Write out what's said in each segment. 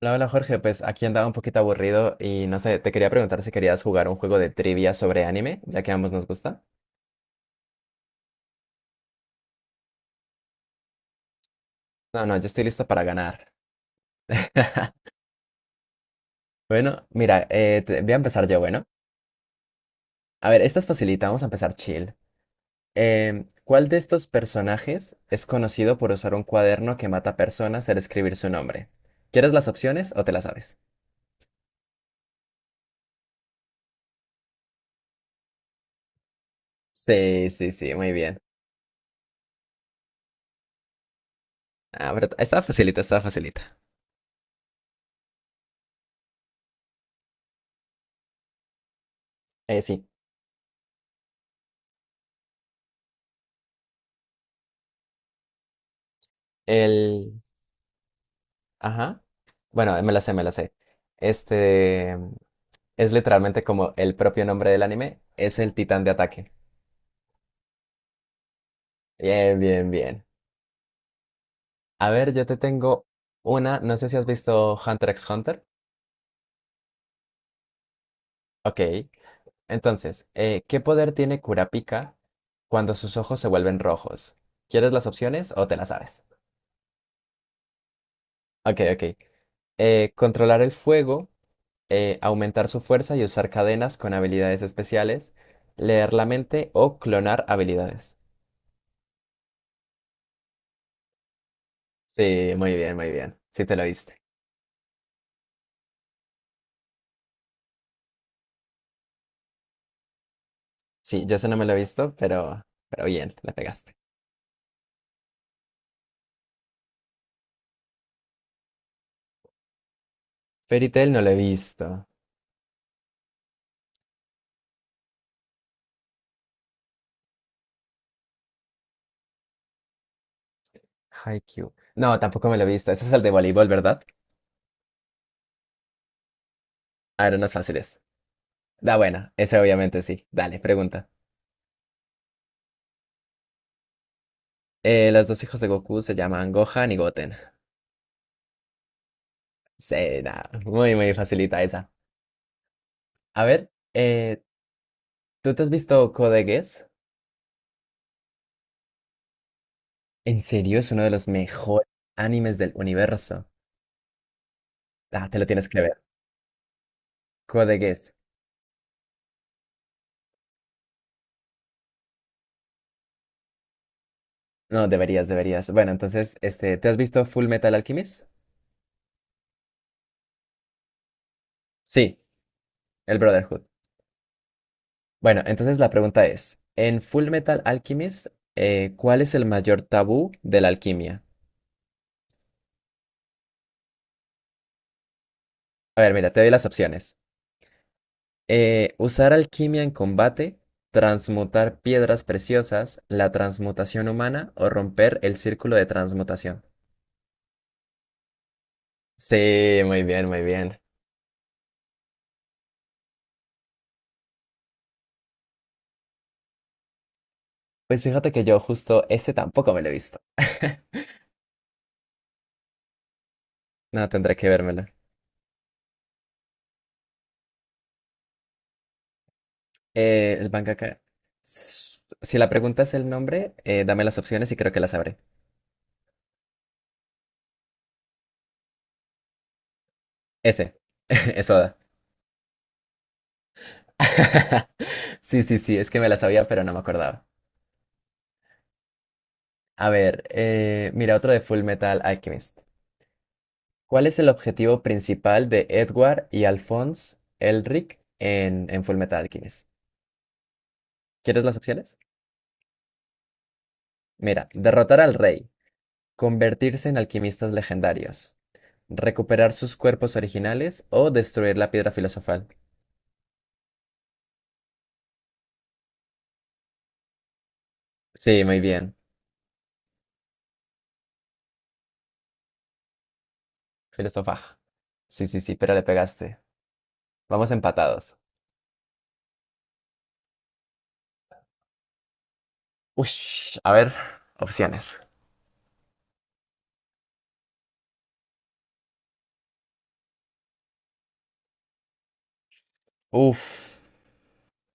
Hola, hola Jorge, pues aquí andaba un poquito aburrido y no sé, te quería preguntar si querías jugar un juego de trivia sobre anime, ya que a ambos nos gusta. No, no, yo estoy listo para ganar. Bueno, mira, voy a empezar yo, bueno. A ver, esta es facilita, vamos a empezar chill. ¿Cuál de estos personajes es conocido por usar un cuaderno que mata personas al escribir su nombre? ¿Quieres las opciones o te las sabes? Sí, sí, sí, muy bien. Ah, pero estaba facilita, estaba facilita. Sí, el. Ajá. Bueno, me la sé, me la sé. Este es literalmente como el propio nombre del anime, es el titán de ataque. Bien, bien, bien. A ver, yo te tengo una, no sé si has visto Hunter x Hunter. Ok. Entonces, ¿qué poder tiene Kurapika cuando sus ojos se vuelven rojos? ¿Quieres las opciones o te las sabes? Ok, ok. Controlar el fuego, aumentar su fuerza y usar cadenas con habilidades especiales, leer la mente o clonar habilidades. Sí, muy bien, muy bien. Sí, te lo viste. Sí, yo eso no me lo he visto, pero bien, la pegaste. Fairy Tail no lo he visto. Haikyuu. No, tampoco me lo he visto. Ese es el de voleibol, ¿verdad? A ver, unos fáciles. Da buena, ese obviamente sí. Dale, pregunta. Los dos hijos de Goku se llaman Gohan y Goten. Sí, nada, muy, muy facilita esa. A ver, ¿tú te has visto Code Geass? En serio, es uno de los mejores animes del universo. Ah, te lo tienes que ver. Code Geass. No, deberías, deberías. Bueno, entonces, este, ¿te has visto Full Metal Alchemist? Sí, el Brotherhood. Bueno, entonces la pregunta es, en Full Metal Alchemist, ¿cuál es el mayor tabú de la alquimia? A ver, mira, te doy las opciones. Usar alquimia en combate, transmutar piedras preciosas, la transmutación humana o romper el círculo de transmutación. Sí, muy bien, muy bien. Pues fíjate que yo justo ese tampoco me lo he visto. No, tendré que vérmelo. El mangaka. s- Si la pregunta es el nombre, dame las opciones y creo que las sabré. Ese, es Oda. Sí, sí, sí, es que me la sabía, pero no me acordaba. A ver, mira otro de Full Metal Alchemist. ¿Cuál es el objetivo principal de Edward y Alphonse Elric en Full Metal Alchemist? ¿Quieres las opciones? Mira, derrotar al rey, convertirse en alquimistas legendarios, recuperar sus cuerpos originales o destruir la piedra filosofal. Sí, muy bien. Filósofa. Sí, sí, sí, pero le pegaste. Vamos empatados. Uy, a ver, opciones. Uf,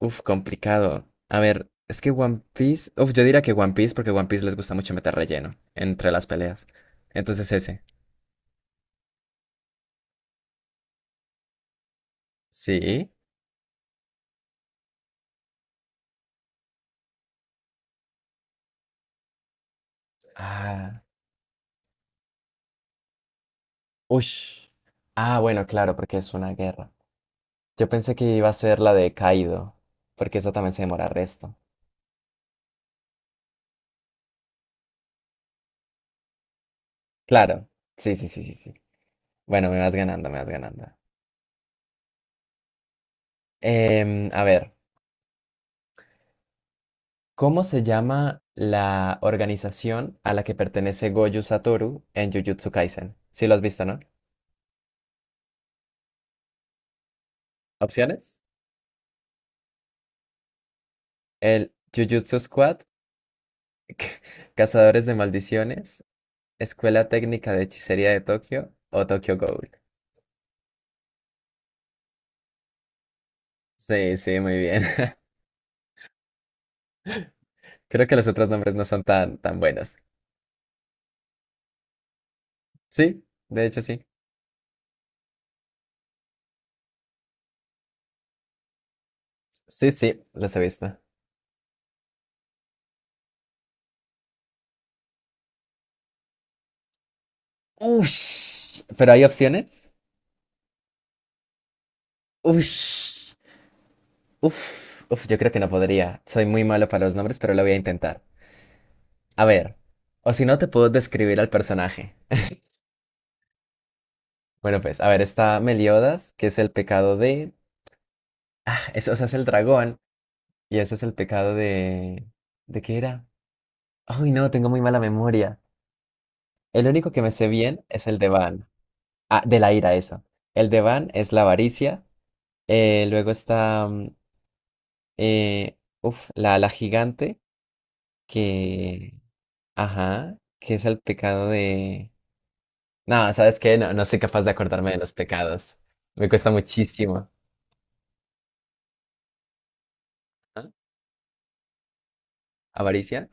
uf, complicado. A ver, es que One Piece. Uf, yo diría que One Piece porque One Piece les gusta mucho meter relleno entre las peleas. Entonces ese. Sí. Ah, ush. Ah, bueno, claro, porque es una guerra. Yo pensé que iba a ser la de Kaido, porque esa también se demora resto. Claro. Sí, sí, sí, sí, sí. Bueno, me vas ganando, me vas ganando. A ver. ¿Cómo se llama la organización a la que pertenece Gojo Satoru en Jujutsu Kaisen? Si lo has visto, ¿no? Opciones: el Jujutsu Squad, Cazadores de Maldiciones, Escuela Técnica de Hechicería de Tokio o Tokyo Ghoul. Sí, sí, muy bien. Creo que los otros nombres no son tan, tan buenos. Sí, de hecho sí. Sí, sí, los he visto. Ush, ¿pero hay opciones? Ush, uf, uf, yo creo que no podría. Soy muy malo para los nombres, pero lo voy a intentar. A ver, o si no te puedo describir al personaje. Bueno, pues, a ver, está Meliodas, que es el pecado de... Eso, o sea, es el dragón, y ese es el pecado de... ¿De qué era? Ay, no, tengo muy mala memoria. El único que me sé bien es el de Van. Ah, de la ira, eso. El de Van es la avaricia. Luego está... eh, la, la gigante, que... Ajá, que es el pecado de... No, ¿sabes qué? No, no soy capaz de acordarme de los pecados. Me cuesta muchísimo. ¿Ah? ¿Avaricia?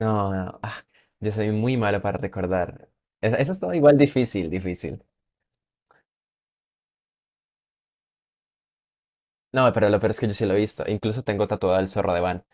No, no. Ah, yo soy muy malo para recordar. Esa estaba igual difícil, difícil. No, pero lo peor es que yo sí lo he visto. Incluso tengo tatuado el zorro de Van.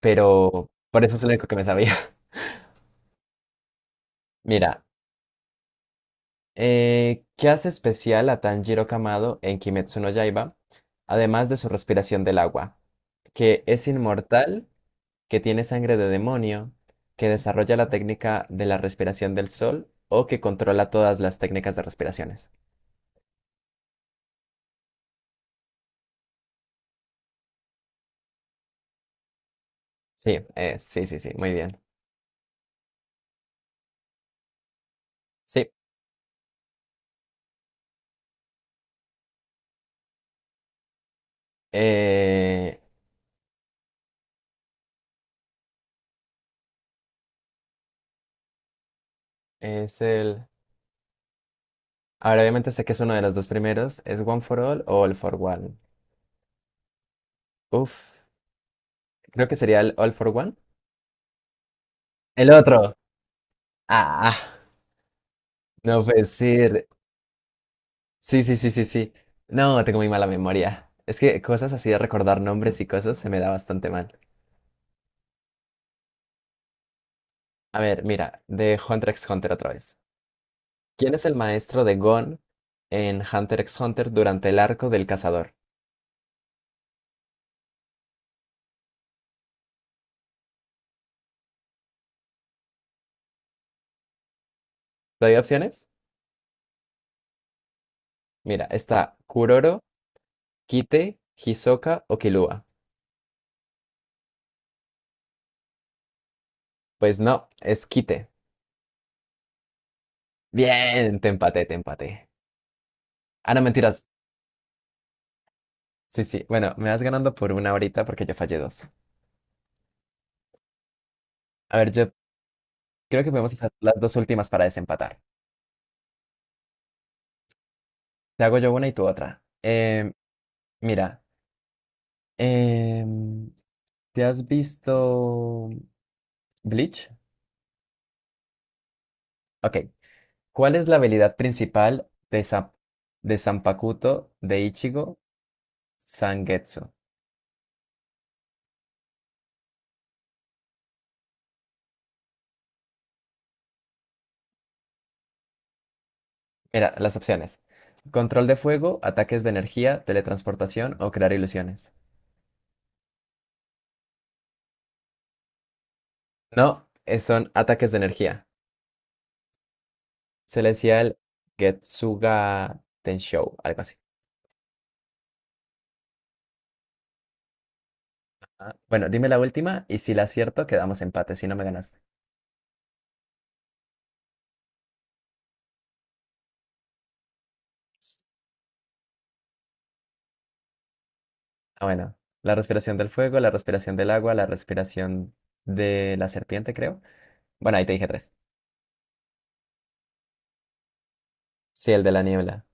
Pero por eso es lo único que me sabía. Mira, ¿qué hace especial a Tanjiro Kamado en Kimetsu no Yaiba? Además de su respiración del agua. Que es inmortal, que tiene sangre de demonio, que desarrolla la técnica de la respiración del sol o que controla todas las técnicas de respiraciones. Sí, sí, sí, sí, muy bien. Sí, eh, es el... Ahora obviamente sé que es uno de los dos primeros. ¿Es One for All o All for One? Uf, creo que sería el All for One. El otro. Ah, no puede ser. Sí, sí, sí, sí, sí. No, tengo muy mala memoria. Es que cosas así de recordar nombres y cosas se me da bastante mal. A ver, mira, de Hunter x Hunter otra vez. ¿Quién es el maestro de Gon en Hunter x Hunter durante el arco del cazador? ¿Te doy opciones? Mira, está Kuroro, Kite, Hisoka o Killua. Pues no, es Kite. Bien, te empaté, te empaté. Ah, no, mentiras. Sí, sí. Bueno, me vas ganando por una ahorita porque yo fallé dos. A ver, yo creo que podemos hacer las dos últimas para desempatar. Te hago yo una y tú otra. Mira, em, ¿te has visto Bleach? Ok. ¿Cuál es la habilidad principal de, de Zanpakuto de Ichigo Sangetsu? Mira, las opciones. Control de fuego, ataques de energía, teletransportación o crear ilusiones. No, son ataques de energía. Se le decía el Getsuga Tenshou, algo así. Ah, bueno, dime la última y si la acierto, quedamos empate, si no me ganaste. Ah, bueno. La respiración del fuego, la respiración del agua, la respiración de la serpiente, creo. Bueno, ahí te dije tres. Sí, el de la niebla.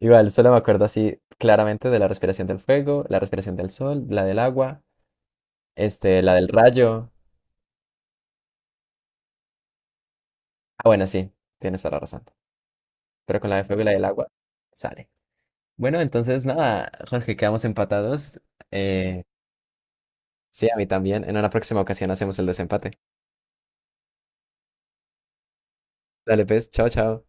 Igual, solo me acuerdo así claramente de la respiración del fuego, la respiración del sol, la del agua, este, la del rayo. Ah, bueno, sí, tienes toda la razón. Pero con la de fuego y la del agua sale. Bueno, entonces nada, Jorge, quedamos empatados. Eh, sí, a mí también. En una próxima ocasión hacemos el desempate. Dale, pues, chao, chao.